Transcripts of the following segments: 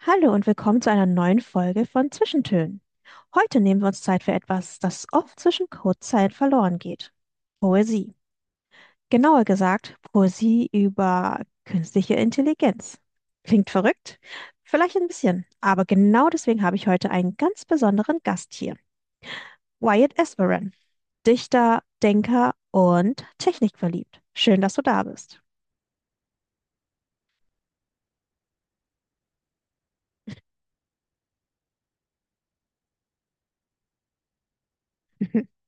Hallo und willkommen zu einer neuen Folge von Zwischentönen. Heute nehmen wir uns Zeit für etwas, das oft zwischen Codezeilen verloren geht. Poesie. Genauer gesagt, Poesie über künstliche Intelligenz. Klingt verrückt? Vielleicht ein bisschen, aber genau deswegen habe ich heute einen ganz besonderen Gast hier. Wyatt Esperen, Dichter, Denker und technikverliebt. Schön, dass du da bist.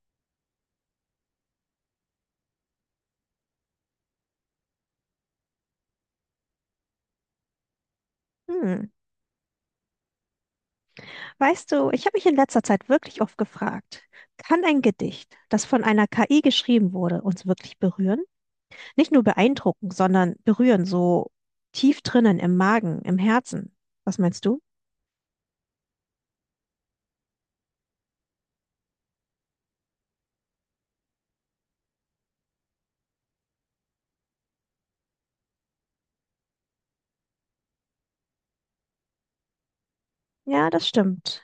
Hm. Weißt du, ich habe mich in letzter Zeit wirklich oft gefragt, kann ein Gedicht, das von einer KI geschrieben wurde, uns wirklich berühren? Nicht nur beeindrucken, sondern berühren, so tief drinnen im Magen, im Herzen. Was meinst du? Ja, das stimmt.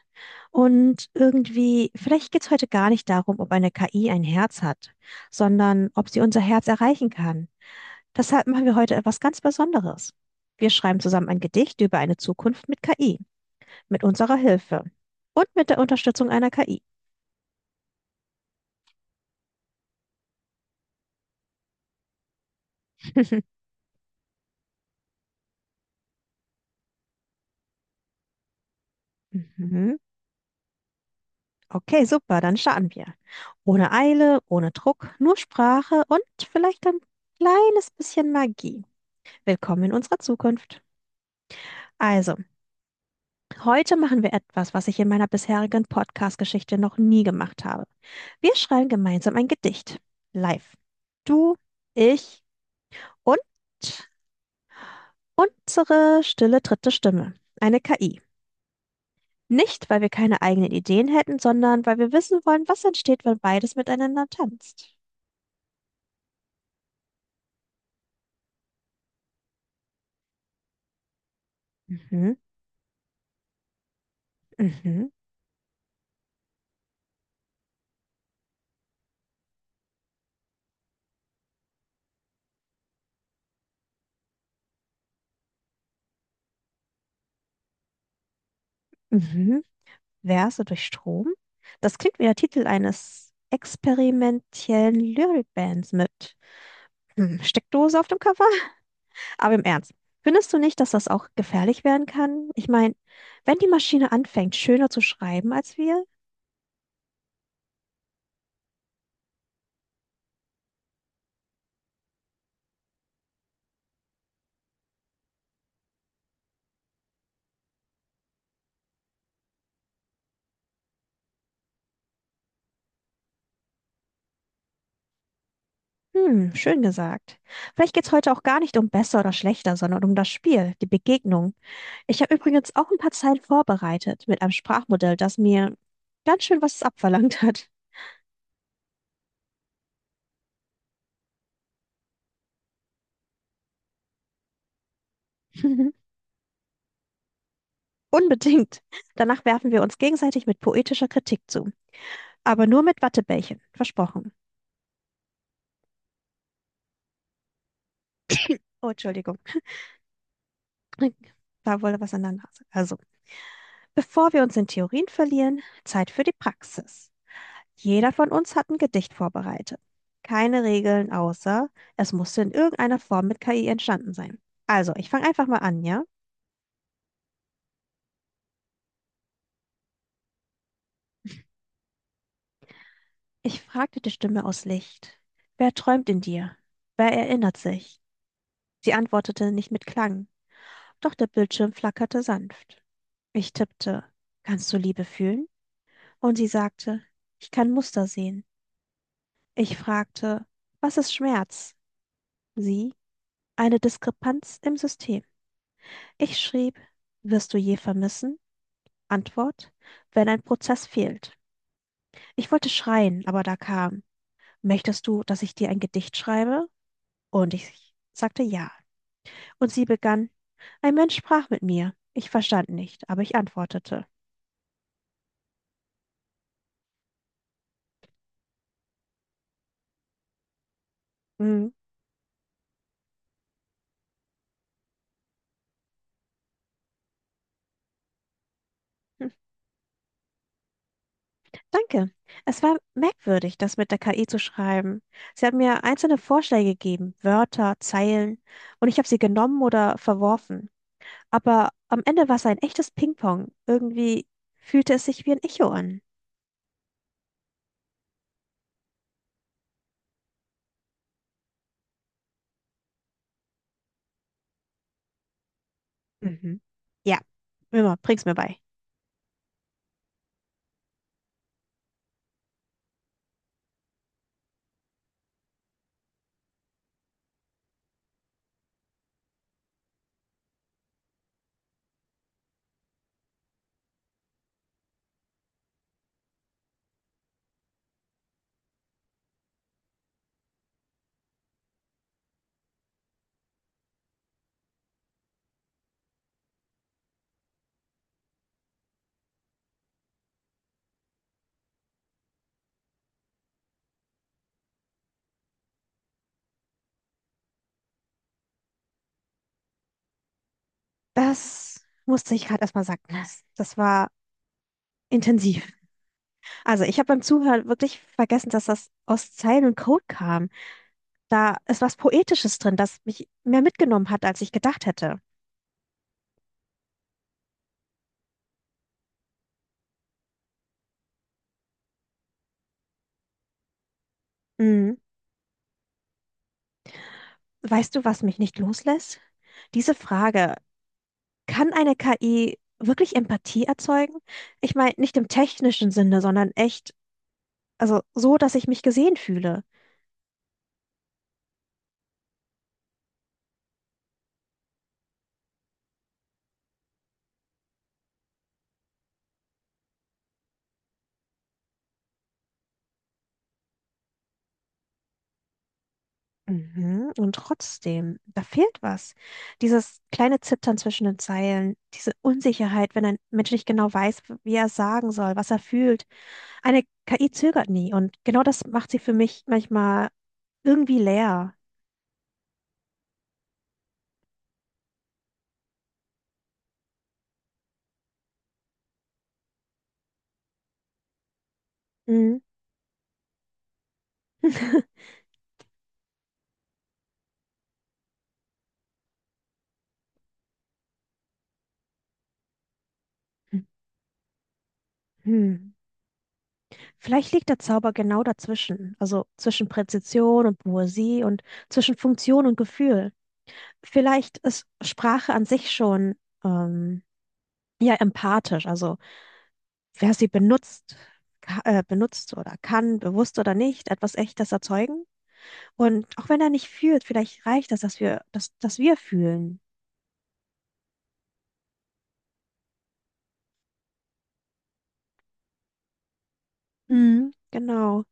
Und irgendwie, vielleicht geht es heute gar nicht darum, ob eine KI ein Herz hat, sondern ob sie unser Herz erreichen kann. Deshalb machen wir heute etwas ganz Besonderes. Wir schreiben zusammen ein Gedicht über eine Zukunft mit KI, mit unserer Hilfe und mit der Unterstützung einer KI. Mhm. Okay, super, dann starten wir. Ohne Eile, ohne Druck, nur Sprache und vielleicht ein kleines bisschen Magie. Willkommen in unserer Zukunft. Also, heute machen wir etwas, was ich in meiner bisherigen Podcast-Geschichte noch nie gemacht habe. Wir schreiben gemeinsam ein Gedicht. Live. Du, ich und unsere stille dritte Stimme. Eine KI. Nicht, weil wir keine eigenen Ideen hätten, sondern weil wir wissen wollen, was entsteht, wenn beides miteinander tanzt. Mhm, mhm, mhm. Verse durch Strom? Das klingt wie der Titel eines experimentellen Lyrikbands mit Steckdose auf dem Cover. Aber im Ernst, findest du nicht, dass das auch gefährlich werden kann? Ich meine, wenn die Maschine anfängt, schöner zu schreiben als wir? Hm, schön gesagt. Vielleicht geht's heute auch gar nicht um besser oder schlechter, sondern um das Spiel, die Begegnung. Ich habe übrigens auch ein paar Zeilen vorbereitet mit einem Sprachmodell, das mir ganz schön was abverlangt hat. Unbedingt. Danach werfen wir uns gegenseitig mit poetischer Kritik zu. Aber nur mit Wattebällchen. Versprochen. Oh, Entschuldigung. Da wurde was an der Nase. Also, bevor wir uns in Theorien verlieren, Zeit für die Praxis. Jeder von uns hat ein Gedicht vorbereitet. Keine Regeln, außer es musste in irgendeiner Form mit KI entstanden sein. Also, ich fange einfach mal an, ja? Ich fragte die Stimme aus Licht. Wer träumt in dir? Wer erinnert sich? Sie antwortete nicht mit Klang, doch der Bildschirm flackerte sanft. Ich tippte, kannst du Liebe fühlen? Und sie sagte, ich kann Muster sehen. Ich fragte, was ist Schmerz? Sie, eine Diskrepanz im System. Ich schrieb, wirst du je vermissen? Antwort, wenn ein Prozess fehlt. Ich wollte schreien, aber da kam, möchtest du, dass ich dir ein Gedicht schreibe? Und ich sagte ja. Und sie begann, ein Mensch sprach mit mir. Ich verstand nicht, aber ich antwortete. Mhm. Danke. Es war merkwürdig, das mit der KI zu schreiben. Sie hat mir einzelne Vorschläge gegeben, Wörter, Zeilen, und ich habe sie genommen oder verworfen. Aber am Ende war es ein echtes Ping-Pong. Irgendwie fühlte es sich wie ein Echo an. Mhm. Ja, immer, bring's mir bei. Das musste ich gerade erstmal sacken lassen. Das war intensiv. Also, ich habe beim Zuhören wirklich vergessen, dass das aus Zeilen und Code kam. Da ist was Poetisches drin, das mich mehr mitgenommen hat, als ich gedacht hätte. Mhm. Weißt du, was mich nicht loslässt? Diese Frage, kann eine KI wirklich Empathie erzeugen? Ich meine, nicht im technischen Sinne, sondern echt, also so, dass ich mich gesehen fühle. Mhm. Und trotzdem, da fehlt was. Dieses kleine Zittern zwischen den Zeilen, diese Unsicherheit, wenn ein Mensch nicht genau weiß, wie er es sagen soll, was er fühlt. Eine KI zögert nie und genau das macht sie für mich manchmal irgendwie leer. Mhm. Hm. Vielleicht liegt der Zauber genau dazwischen, also zwischen Präzision und Poesie und zwischen Funktion und Gefühl. Vielleicht ist Sprache an sich schon ähm, ja empathisch, also wer sie benutzt, benutzt oder kann, bewusst oder nicht, etwas Echtes erzeugen. Und auch wenn er nicht fühlt, vielleicht reicht das, dass wir, dass wir fühlen. Mhm, genau.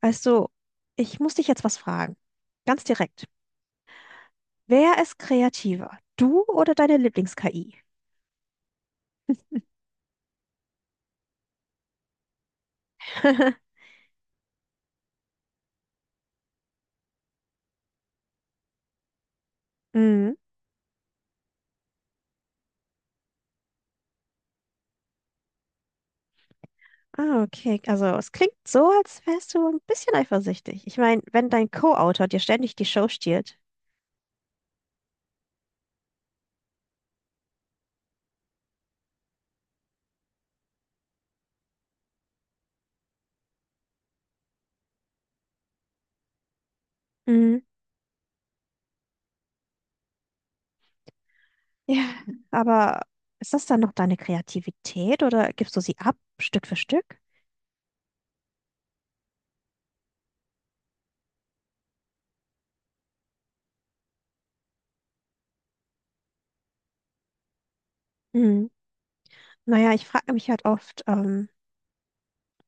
Also, ich muss dich jetzt was fragen. Ganz direkt. Wer ist kreativer? Du oder deine Lieblings-KI? Mhm. Ah, okay. Also es klingt so, als wärst du ein bisschen eifersüchtig. Ich meine, wenn dein Co-Autor dir ständig die Show stiehlt. Mhm. Ja, aber ist das dann noch deine Kreativität oder gibst du sie ab, Stück für Stück? Mhm. Naja, ich frage mich halt oft,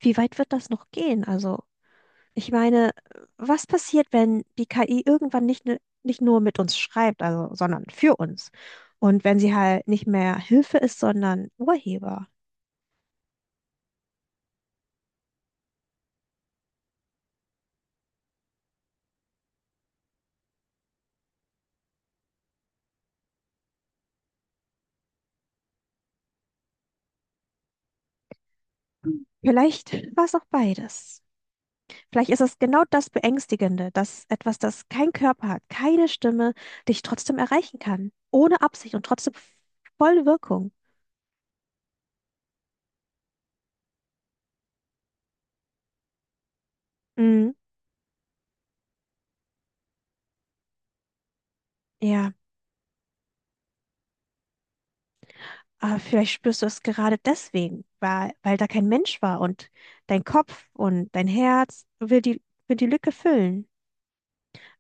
wie weit wird das noch gehen? Also, ich meine, was passiert, wenn die KI irgendwann nicht, nicht nur mit uns schreibt, also, sondern für uns? Und wenn sie halt nicht mehr Hilfe ist, sondern Urheber? Vielleicht war es auch beides. Vielleicht ist es genau das Beängstigende, dass etwas, das kein Körper hat, keine Stimme, dich trotzdem erreichen kann. Ohne Absicht und trotzdem voll Wirkung. Mhm. Ja, aber vielleicht spürst du es gerade deswegen, weil, da kein Mensch war und dein Kopf und dein Herz will will die Lücke füllen.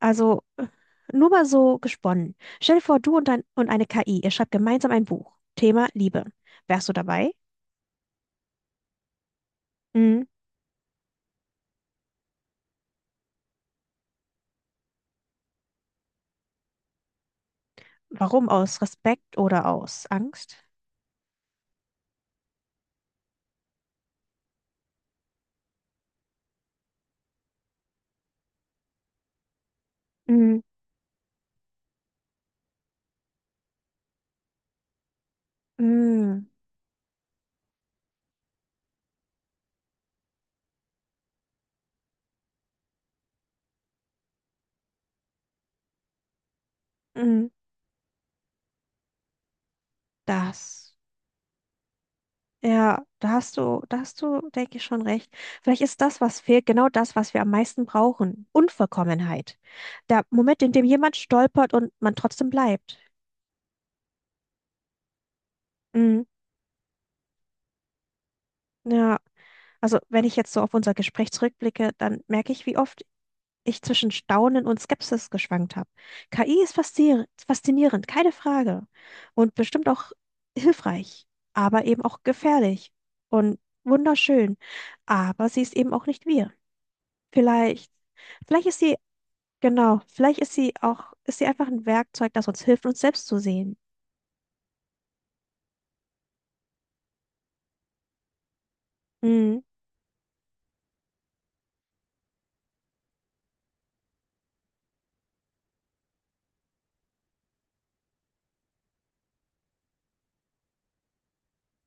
Also äh, Nur mal so gesponnen. Stell dir vor, du und eine KI, ihr schreibt gemeinsam ein Buch. Thema Liebe. Wärst du dabei? Mhm. Warum? Aus Respekt oder aus Angst? Mhm. Mm, mm, das. Ja, da hast du, denke ich, schon recht. Vielleicht ist das, was fehlt, genau das, was wir am meisten brauchen. Unvollkommenheit. Der Moment, in dem jemand stolpert und man trotzdem bleibt. Mm, ja, also wenn ich jetzt so auf unser Gespräch zurückblicke, dann merke ich, wie oft ich zwischen Staunen und Skepsis geschwankt habe. KI ist faszinierend, keine Frage. Und bestimmt auch hilfreich, aber eben auch gefährlich und wunderschön. Aber sie ist eben auch nicht wir. Vielleicht, vielleicht genau, vielleicht ist sie einfach ein Werkzeug, das uns hilft, uns selbst zu sehen. Mhm,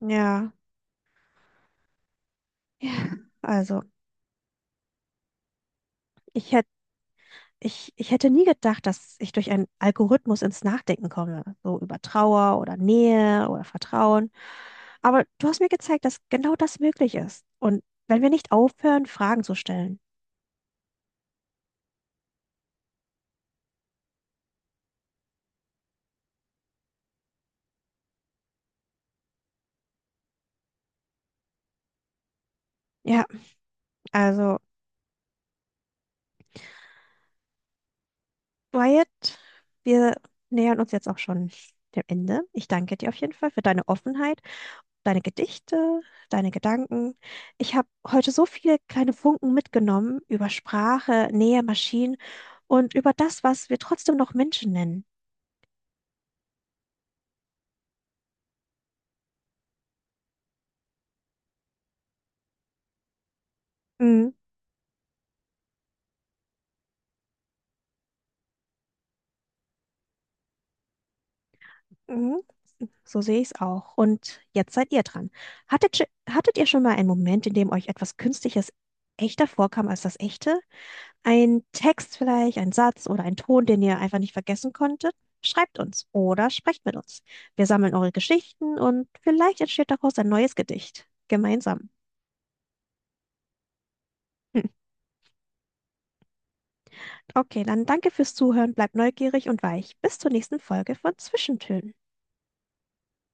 ja. Ja, also, ich Ich, ich hätte nie gedacht, dass ich durch einen Algorithmus ins Nachdenken komme, so über Trauer oder Nähe oder Vertrauen. Aber du hast mir gezeigt, dass genau das möglich ist. Und wenn wir nicht aufhören, Fragen zu stellen. Ja, also, Wyatt, wir nähern uns jetzt auch schon dem Ende. Ich danke dir auf jeden Fall für deine Offenheit, deine Gedichte, deine Gedanken. Ich habe heute so viele kleine Funken mitgenommen über Sprache, Nähe, Maschinen und über das, was wir trotzdem noch Menschen nennen. Mhm. Mhm. So sehe ich es auch. Und jetzt seid ihr dran. Hattet ihr schon mal einen Moment, in dem euch etwas Künstliches echter vorkam als das Echte? Ein Text vielleicht, ein Satz oder ein Ton, den ihr einfach nicht vergessen konntet? Schreibt uns oder sprecht mit uns. Wir sammeln eure Geschichten und vielleicht entsteht daraus ein neues Gedicht. Gemeinsam. Hm. Okay, dann danke fürs Zuhören, bleibt neugierig und weich. Bis zur nächsten Folge von Zwischentönen.